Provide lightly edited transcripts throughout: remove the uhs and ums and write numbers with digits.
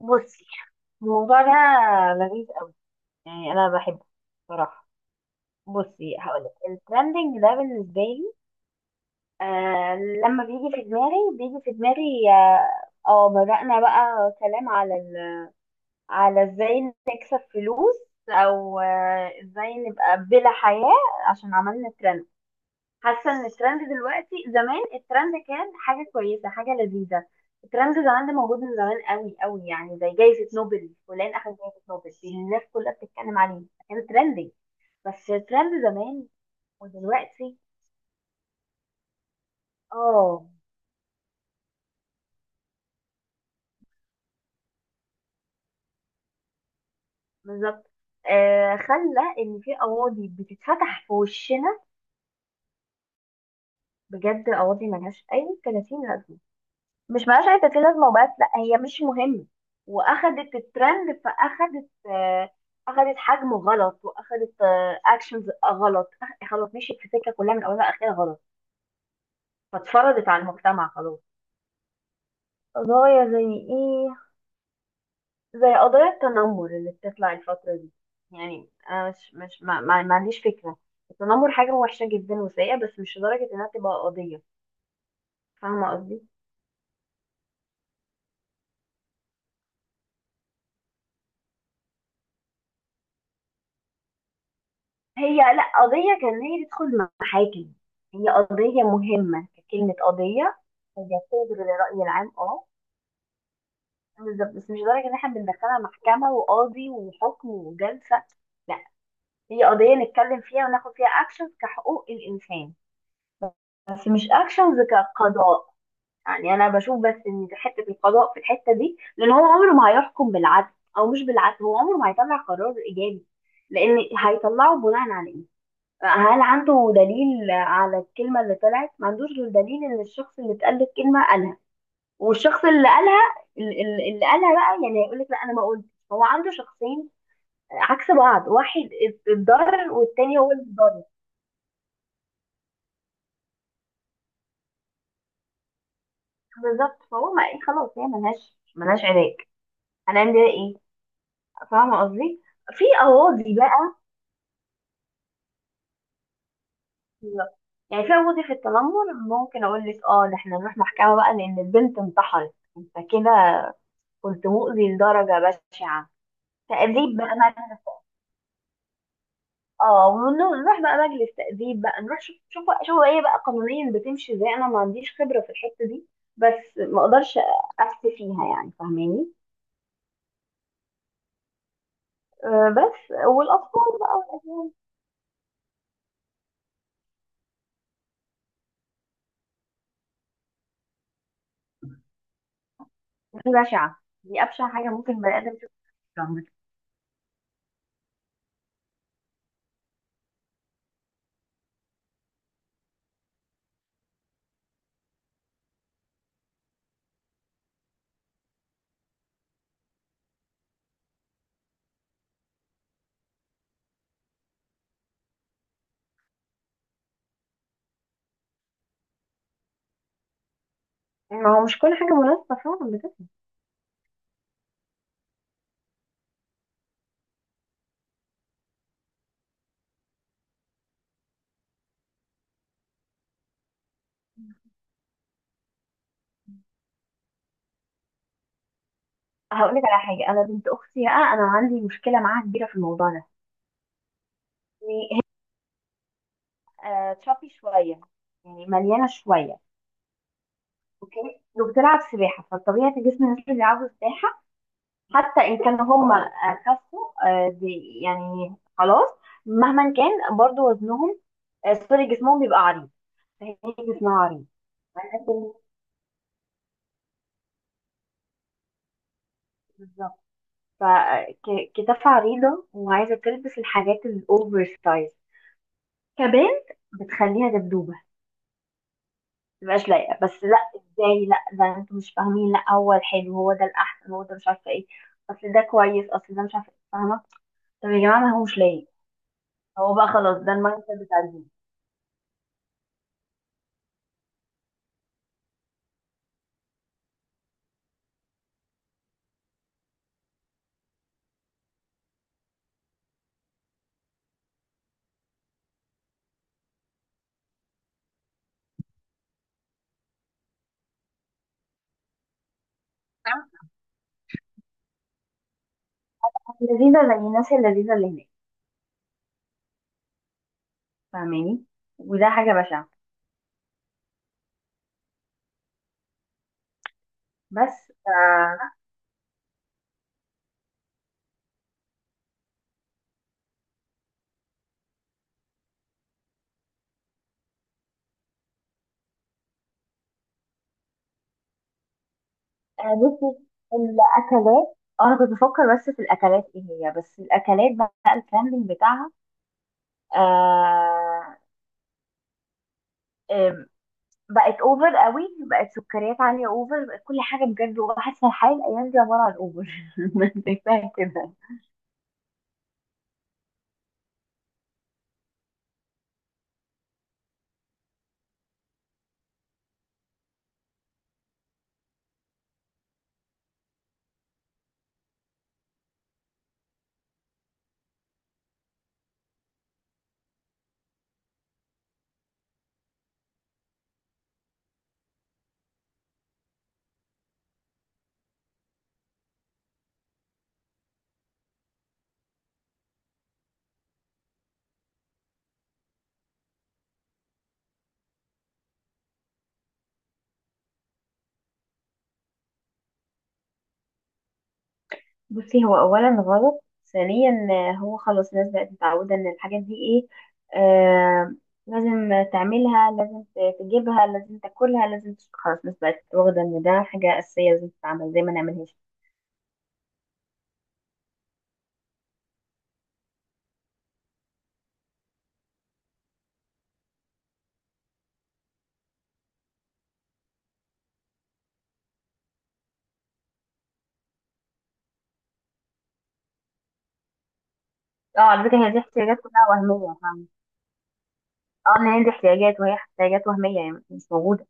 بصي، الموضوع ده لذيذ قوي. يعني انا بحبه بصراحه. بصي، هقولك الترندنج ده بالنسبه لي، لما بيجي في دماغي بيجي في دماغي بدأنا بقى كلام على على ازاي نكسب فلوس، او ازاي نبقى بلا حياه عشان عملنا ترند. حاسه ان الترند دلوقتي، زمان الترند كان حاجه كويسه، حاجه لذيذه. الترند زمان ده موجود من زمان قوي قوي، يعني زي جائزه نوبل، فلان اخذ جائزه نوبل دي الناس كلها بتتكلم عليه، كان ترندي. بس الترند زمان ودلوقتي، اه، بالظبط. آه، خلى ان في قواضي بتتفتح في وشنا، بجد قواضي ملهاش اي 30 لازمه. مش ملهاش اي 30 لازمه وبس، لا هي مش مهمه، واخدت الترند، فاخدت اخدت حجم غلط، واخدت اكشنز غلط. خلاص مشيت في سكه كلها من اولها لاخرها غلط، فاتفرضت على المجتمع خلاص. قضايا زي ايه؟ زي قضايا التنمر اللي بتطلع الفتره دي. يعني انا مش ما عنديش فكره، التنمر حاجه وحشه جدا وسيئه، بس مش لدرجه انها تبقى قضيه. فاهمه قصدي؟ هي لا قضية كان هي تدخل محاكم، هي قضية مهمة ككلمة قضية. هي بتنظر للرأي العام، اه بالظبط، بس مش لدرجة ان احنا بندخلها محكمة وقاضي وحكم وجلسة. لا، هي قضية نتكلم فيها وناخد فيها اكشن كحقوق الانسان، بس مش اكشنز كقضاء. يعني انا بشوف بس ان في حته القضاء في الحته دي، لان هو عمره ما هيحكم بالعدل، او مش بالعدل، هو عمره ما هيطلع قرار ايجابي، لان هيطلعه بناء على ايه؟ هل عنده دليل على الكلمة اللي طلعت؟ ما عندوش غير دليل ان الشخص اللي اتقال له الكلمة قالها، والشخص اللي قالها، اللي قالها بقى يعني هيقول لك لا انا ما قلت. هو عنده شخصين عكس بعض، واحد اتضرر والتاني هو اللي اتضرر. بالظبط، فهو ما ايه، خلاص هي ملهاش علاج، هنعمل بيها ايه؟ فاهمة قصدي؟ في قواضي بقى، يعني في قواضي في التنمر، ممكن اقول لك اه ده احنا نروح محكمة بقى، لان البنت انتحرت، انت كده كنت مؤذي لدرجة بشعة، تأديب بقى مجلس. اه، ونروح بقى مجلس تأديب بقى نروح شوف ايه بقى قانونيا بتمشي ازاي، انا ما عنديش خبرة في الحتة دي، بس ما اقدرش افتي فيها يعني، فاهماني؟ آه، بس والاطفال بقى والاجيال. بشعة، دي ابشع حاجة ممكن بني ادم يشوفها في عمره. ما هو مش كل حاجة مناسبة، فعلا بجد. هقول لك على حاجة، انا بنت اختي بقى انا عندي مشكلة معاها كبيرة في الموضوع ده. يعني هي، تشابي شوية، يعني مليانة شوية، اوكي، وبتلعب سباحة، فالطبيعي جسم الناس اللي بيلعبوا سباحة حتى ان كان هم خسوا، يعني خلاص مهما كان برضو وزنهم، سوري، جسمهم بيبقى عريض، فهي جسمها عريض ولكن- بالظبط، فكتافها عريضة وعايزة تلبس الحاجات الأوفر سايز، كبنت بتخليها دبدوبة متبقاش لايقة. بس لا ازاي، لا ده انتوا مش فاهمين، لا هو الحلو، هو ده الأحسن، هو ده مش عارفة ايه، أصل ده كويس، أصل ده مش عارفة ايه، فاهمة؟ طب يا جماعة، ما هو مش لايق. هو بقى خلاص ده المايند سيت بتاع البنت، لذيذة للناس اللذيذة اللي هناك. فاهماني؟ وده حاجة بشعة. بس ف- بصي الأكلات. أنا كنت بفكر بس في الأكلات إيه، هي بس الأكلات بقى الترندنج بتاعها. آه آم، بقت أوفر قوي، بقت سكريات عالية، أوفر، بقت كل حاجة بجد، وحاسة الحياة الأيام دي عبارة عن أوفر. شايفاها كده. بصي، هو اولا غلط، ثانيا هو خلاص الناس بقت متعوده ان الحاجات دي ايه، آه، لازم تعملها، لازم تجيبها، لازم تاكلها، لازم خلاص الناس بقت واخده ان ده حاجه اساسيه لازم تتعمل زي ما نعملهاش. اه على فكره، هي دي احتياجات كلها وهميه، فاهم؟ اه، ان هي دي احتياجات، وهي احتياجات وهميه يعني مش موجوده.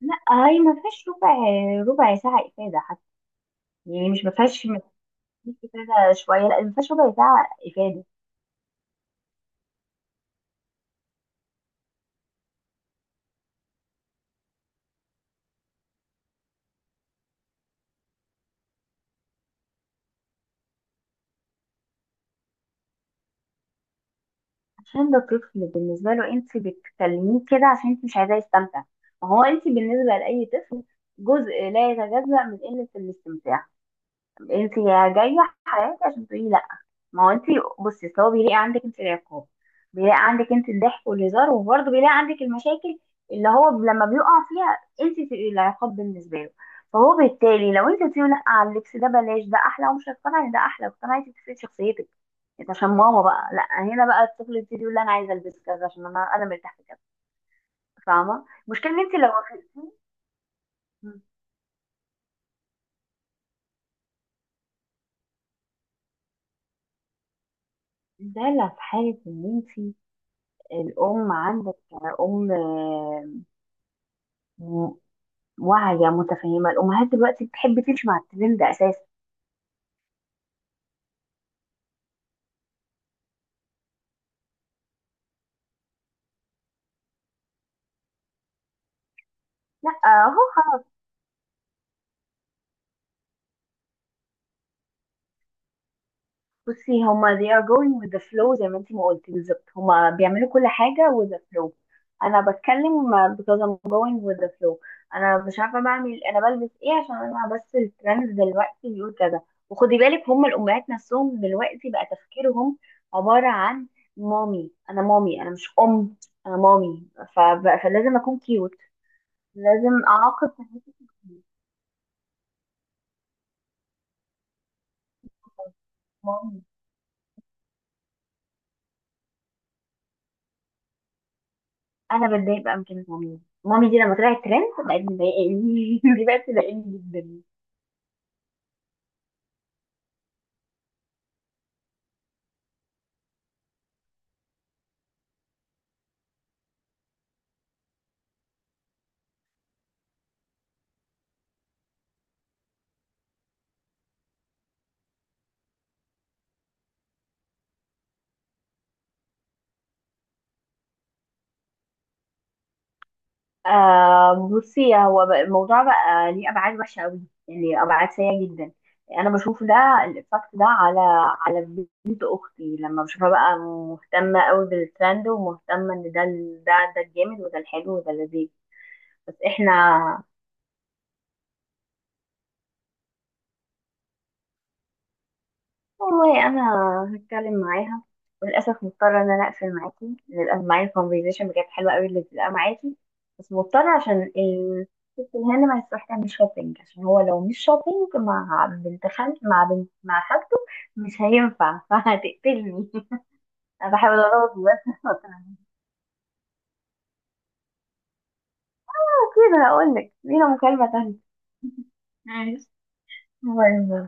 لا هي ما فيهاش ربع، ربع ساعه افاده حتى، يعني مش ما فيهاش، ما فيهاش افاده شويه، لا ما فيهاش ربع ساعه افاده. عشان ده طفل، بالنسبة له انت بتكلميه كده عشان انت مش عايزاه يستمتع. ما هو انت بالنسبة لأي طفل جزء لا يتجزأ من قلة الاستمتاع. انت يا جاية عشان تقولي لا. ما هو انت، بصي اصل هو بيلاقي عندك انت العقاب، بيلاقي عندك انت الضحك والهزار، وبرضه بيلاقي عندك المشاكل اللي هو لما بيقع فيها، انت تبقي العقاب بالنسبه له. فهو بالتالي لو انت بتقولي لا على اللبس ده بلاش، ده احلى، ومش هتقتنعي ان ده احلى، اقتنعتي بتفرق شخصيتك انت، عشان ماما بقى لا، هنا بقى الطفل يبتدي يقول لا انا عايزه البس كذا عشان انا مرتاح في كذا. فاهمه المشكله؟ ان انت لو وافقتي، ده لا في حالة إن أنت الأم عندك، أم واعية متفهمة. الأمهات دلوقتي بتحب تمشي مع الترند أساسا. لا اهو خلاص. بصي هما they are going with the flow، زي ما انتي ما قلتي بالظبط، هما بيعملوا كل حاجة with the flow. أنا بتكلم because I'm going with the flow. أنا مش عارفة بعمل، أنا بلبس إيه؟ عشان أنا بس الترند دلوقتي بيقول كذا. وخدي بالك هما الأمهات نفسهم دلوقتي بقى تفكيرهم عبارة عن، مامي، أنا مامي، أنا مش أم، أنا مامي، ف... فلازم أكون كيوت، لازم أعاقب، مامي. انا بتضايق بقى من كلمه مامي، مامي دي لما طلعت ترند بقت مضايقاني، دي بقت مضايقاني جدا. آه بصي، الموضوع بقى ليه ابعاد وحشه قوي، يعني ابعاد سيئه جدا. انا بشوف ده الايفكت ده على على بنت اختي لما بشوفها بقى مهتمه قوي بالترند، ومهتمه ان ده ده الجامد، وده الحلو، وده اللذيذ. بس احنا، والله انا هتكلم معاها. للاسف مضطره ان انا اقفل معاكي، للاسف، معايا الكونفرزيشن بجد حلوه قوي اللي بتبقى معاكي، بس مضطره عشان الست الهند ما هتروح تعمل شوبينج، عشان هو لو مش شوبينج مع بنت خالتي، مع خالته مش هينفع فهتقتلني. انا بحاول ارد بس. كده هقول لك لينا مكالمه تانيه، ماشي، باي باي.